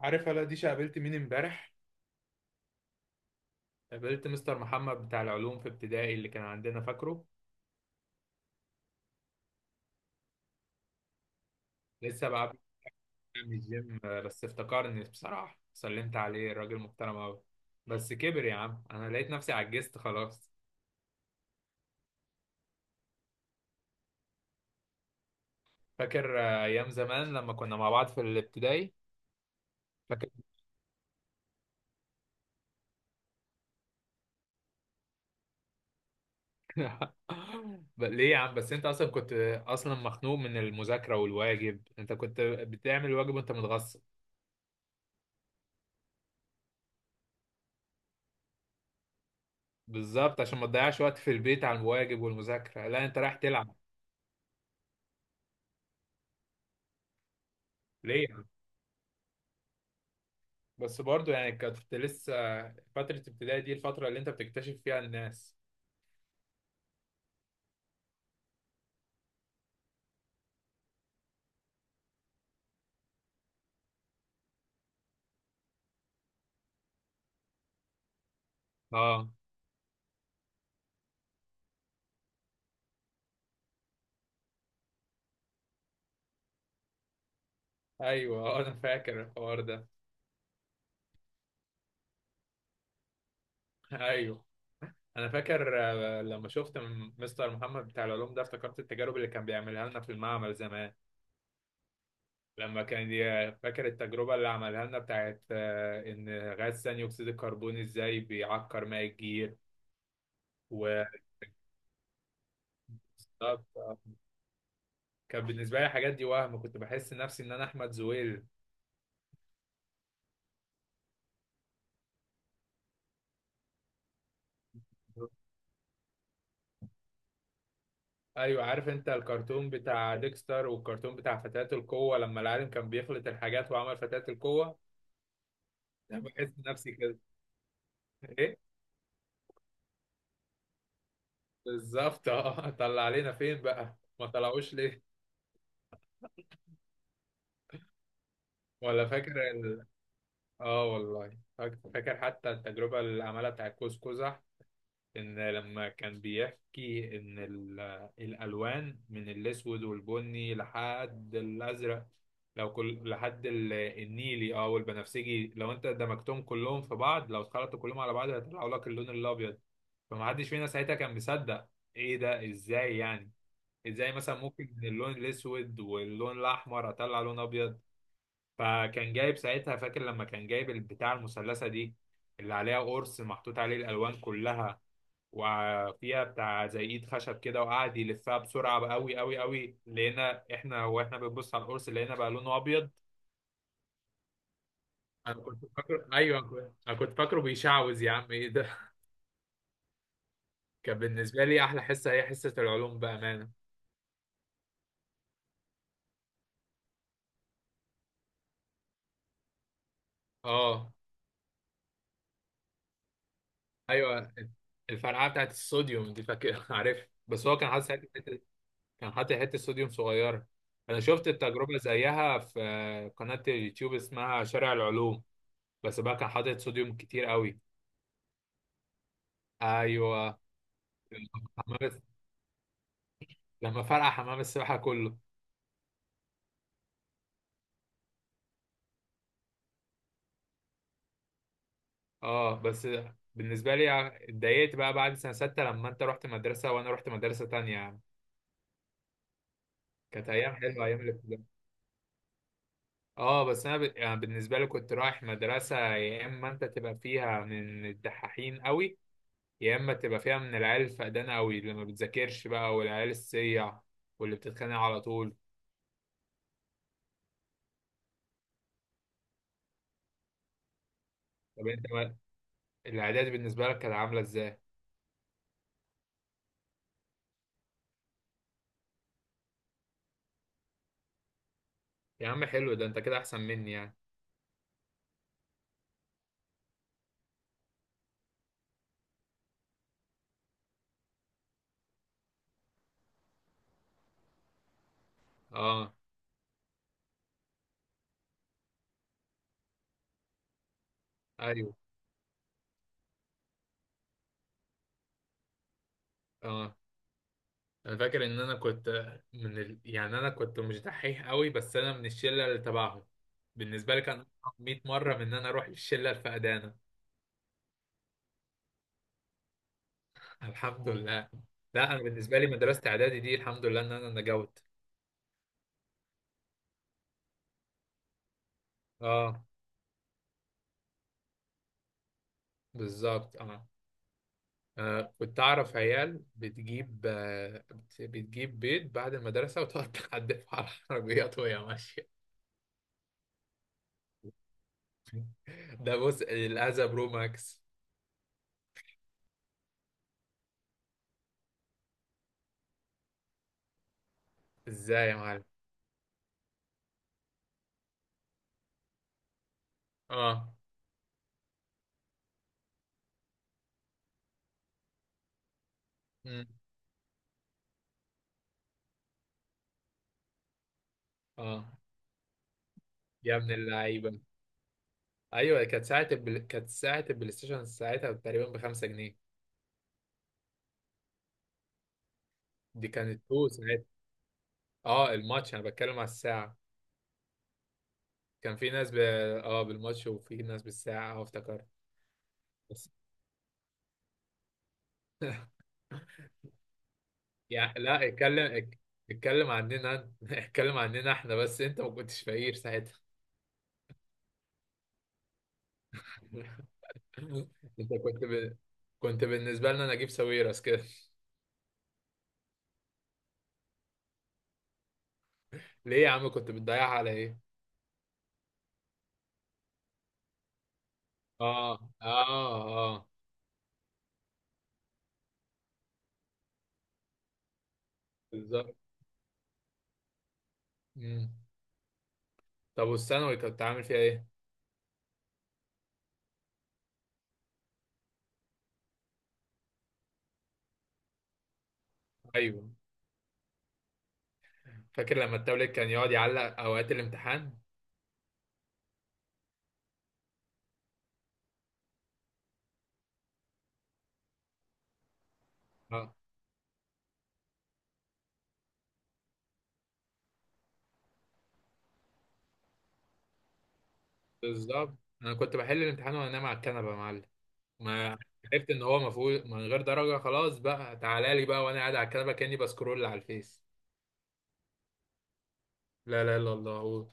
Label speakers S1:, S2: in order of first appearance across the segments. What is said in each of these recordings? S1: عارف هلا ديشة قابلت مين امبارح؟ قابلت مستر محمد بتاع العلوم في ابتدائي اللي كان عندنا، فاكره؟ لسه بقى بيجي من الجيم بس افتكرني بصراحة، سلمت عليه، الراجل محترم أوي. بس كبر يا عم، أنا لقيت نفسي عجزت خلاص. فاكر؟ أيام زمان لما كنا مع بعض في الابتدائي، فاكر؟ ليه يا عم؟ بس أنت أصلا كنت أصلا مخنوق من المذاكرة والواجب، أنت كنت بتعمل واجب وأنت متغصب. بالظبط، عشان ما تضيعش وقت في البيت على الواجب والمذاكرة، لا أنت رايح تلعب. ليه؟ بس برضو يعني كنت لسه، فترة ابتدائي دي الفترة اللي انت بتكتشف فيها الناس. اه. ايوه انا فاكر الحوار ده. ايوه انا فاكر. لما شفت مستر محمد بتاع العلوم ده افتكرت التجارب اللي كان بيعملها لنا في المعمل زمان. لما كان فاكر التجربة اللي عملها لنا بتاعت ان غاز ثاني اكسيد الكربون ازاي بيعكر ماء الجير و... بالظبط، كان بالنسبة لي الحاجات دي وهم، كنت بحس نفسي ان انا احمد زويل. ايوه، عارف انت الكرتون بتاع ديكستر والكرتون بتاع فتاة القوة لما العالم كان بيخلط الحاجات وعمل فتاة القوة. انا بحس نفسي كده. ايه؟ بالظبط اه. طلع علينا فين بقى؟ ما طلعوش ليه؟ ولا فاكر اه والله فاكر حتى التجربة اللي عملها بتاع كوز قزح. ان لما كان بيحكي ان الالوان من الاسود والبني لحد الازرق، لو كل لحد النيلي اه والبنفسجي، لو انت دمجتهم كلهم في بعض، لو اتخلطوا كلهم على بعض هيطلعوا لك اللون الابيض. فمحدش فينا ساعتها كان مصدق. ايه ده؟ ازاي يعني؟ ازاي مثلا ممكن من اللون الاسود واللون الاحمر اطلع لون ابيض؟ فكان جايب ساعتها، فاكر لما كان جايب البتاع المثلثه دي اللي عليها قرص محطوط عليه الالوان كلها، وفيها بتاع زي ايد خشب كده، وقعد يلفها بسرعه قوي قوي قوي، لقينا احنا واحنا بنبص على القرص لقينا بقى لونه ابيض. انا كنت فاكره ايوه، انا كنت فاكره بيشعوذ، يا عم ايه ده؟ كان بالنسبه لي احلى حصه هي حصه العلوم بامانه. اه. ايوه الفرقعه بتاعت الصوديوم دي، فاكر؟ عارف، بس هو كان حاطط ساعتها كان حاطط حته صوديوم صغيره. انا شفت التجربه زيها في قناه اليوتيوب اسمها شارع العلوم، بس بقى كان حاطط صوديوم كتير قوي. ايوه. حمام. لما فرقع حمام السباحة كله! اه بس بالنسبة لي اتضايقت بقى بعد سنة ستة لما انت رحت مدرسة وانا رحت مدرسة تانية يعني. كانت ايام حلوة ايام الابتدائي. اه بس انا يعني بالنسبة لي كنت رايح مدرسة يا اما انت تبقى فيها من الدحاحين قوي، يا اما تبقى فيها من العيال الفقدانة قوي اللي ما بتذاكرش بقى والعيال السيع واللي بتتخانق على طول. طب انت بقى الاعداد بالنسبة لك كانت عاملة ازاي؟ يا عم حلو، ده انت كده احسن مني يعني. اه. ايوه. اه انا فاكر ان انا كنت من يعني انا كنت مش دحيح قوي، بس انا من الشله اللي تبعهم. بالنسبه لي كان أصعب 100 مره من ان انا اروح للشله الفقدانه. الحمد لله. لا انا بالنسبه لي مدرسه اعدادي دي، الحمد لله ان انا نجوت. اه بالظبط. اه كنت اعرف عيال بتجيب بتجيب بيض بعد المدرسه وتقعد تحدفه على العربيات وهي ماشيه. ده بص، الاذى برو ماكس. ازاي يا معلم؟ اه. مم. اه يا ابن اللعيبه. ايوه كانت كانت ساعه البلاي ستيشن ساعتها تقريبا ب 5 جنيه. دي كانت تو ساعتها. اه الماتش، انا بتكلم على الساعه. كان في ناس اه بالماتش وفي ناس بالساعه، اه افتكرت. بس يعني لا اتكلم عننا انت. اتكلم عننا احنا، بس انت ما كنتش فقير ساعتها. انت كنت ب... كنت بالنسبه لنا نجيب ساويرس كده. ليه يا عم كنت بتضيعها على ايه؟ اه. اه. اه بالظبط. مم. طب والثانوي كنت عامل فيها ايه؟ ايوه فاكر لما التابلت كان يقعد يعلق اوقات الامتحان. اه بالظبط، انا كنت بحل الامتحان وانا نايم على الكنبه يا معلم. ما عرفت ان هو مفروض من غير درجه، خلاص بقى تعالى لي بقى وانا قاعد على الكنبه كاني بسكرول على الفيس. لا لا الا الله قول.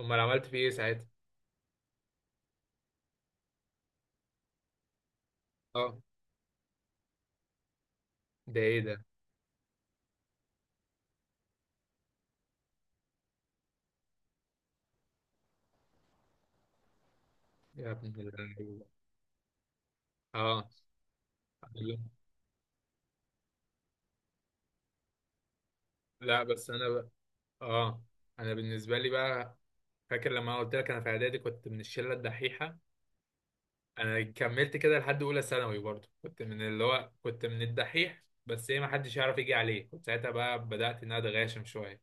S1: امال عملت فيه ايه ساعتها؟ اه. ده ايه ده؟ يا ابن اللعيبه. اه. لا بس انا بقى. اه انا بالنسبه لي بقى، فاكر لما أنا قلت لك انا في اعدادي كنت من الشله الدحيحه؟ انا كملت كده لحد اولى ثانوي برضه، كنت من اللي هو كنت من الدحيح، بس ايه، ما حدش يعرف يجي عليه. كنت ساعتها بقى بدأت ان انا اتغاشم شويه.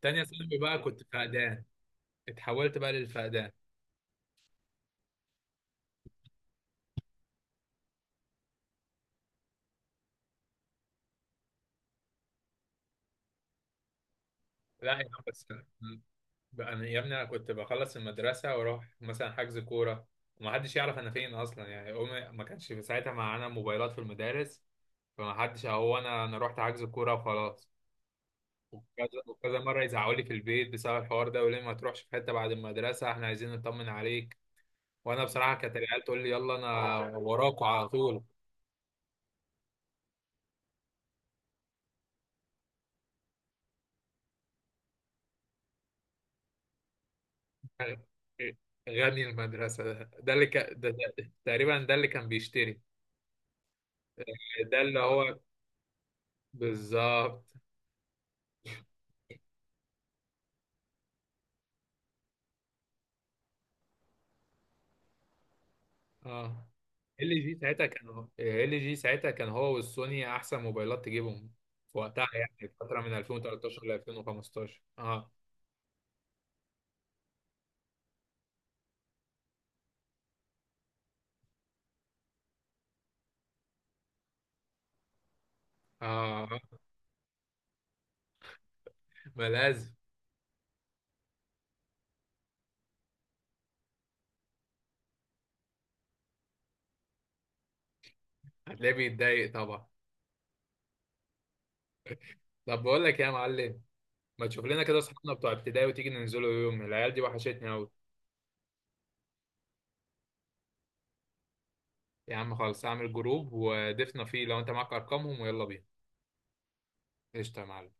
S1: تانية ثانوي بقى كنت فقدان، اتحولت بقى للفقدان. لا يا عم بس بقى، انا يا ابني انا كنت بخلص المدرسه واروح مثلا حجز كوره، وما حدش يعرف انا فين اصلا يعني. امي ما كانش في ساعتها معانا موبايلات في المدارس، فما حدش، هو انا انا رحت حجز كوره وخلاص. وكذا وكذا مره يزعقوا لي في البيت بسبب الحوار ده، وليه ما تروحش في حته بعد المدرسه، احنا عايزين نطمن عليك. وانا بصراحه كانت العيال تقول لي يلا، انا وراكوا على طول. غني المدرسه ده، ده اللي كان، ده، ده تقريبا ده اللي كان بيشتري. ده اللي هو بالظبط. اه ال جي ساعتها، كان ال جي ساعتها كان هو والسوني احسن موبايلات تجيبهم في وقتها يعني، في فتره من 2013 ل 2015. اه. اه ما لازم. هتلاقيه بيتضايق طبعا. طب بقول لك إيه يا معلم، ما تشوف لنا كده اصحابنا بتوع ابتدائي وتيجي ننزلوا يوم، العيال دي وحشتني قوي. يا عم خلاص اعمل جروب ودفنا فيه، لو انت معاك ارقامهم ويلا بينا. قشطة يا معلم.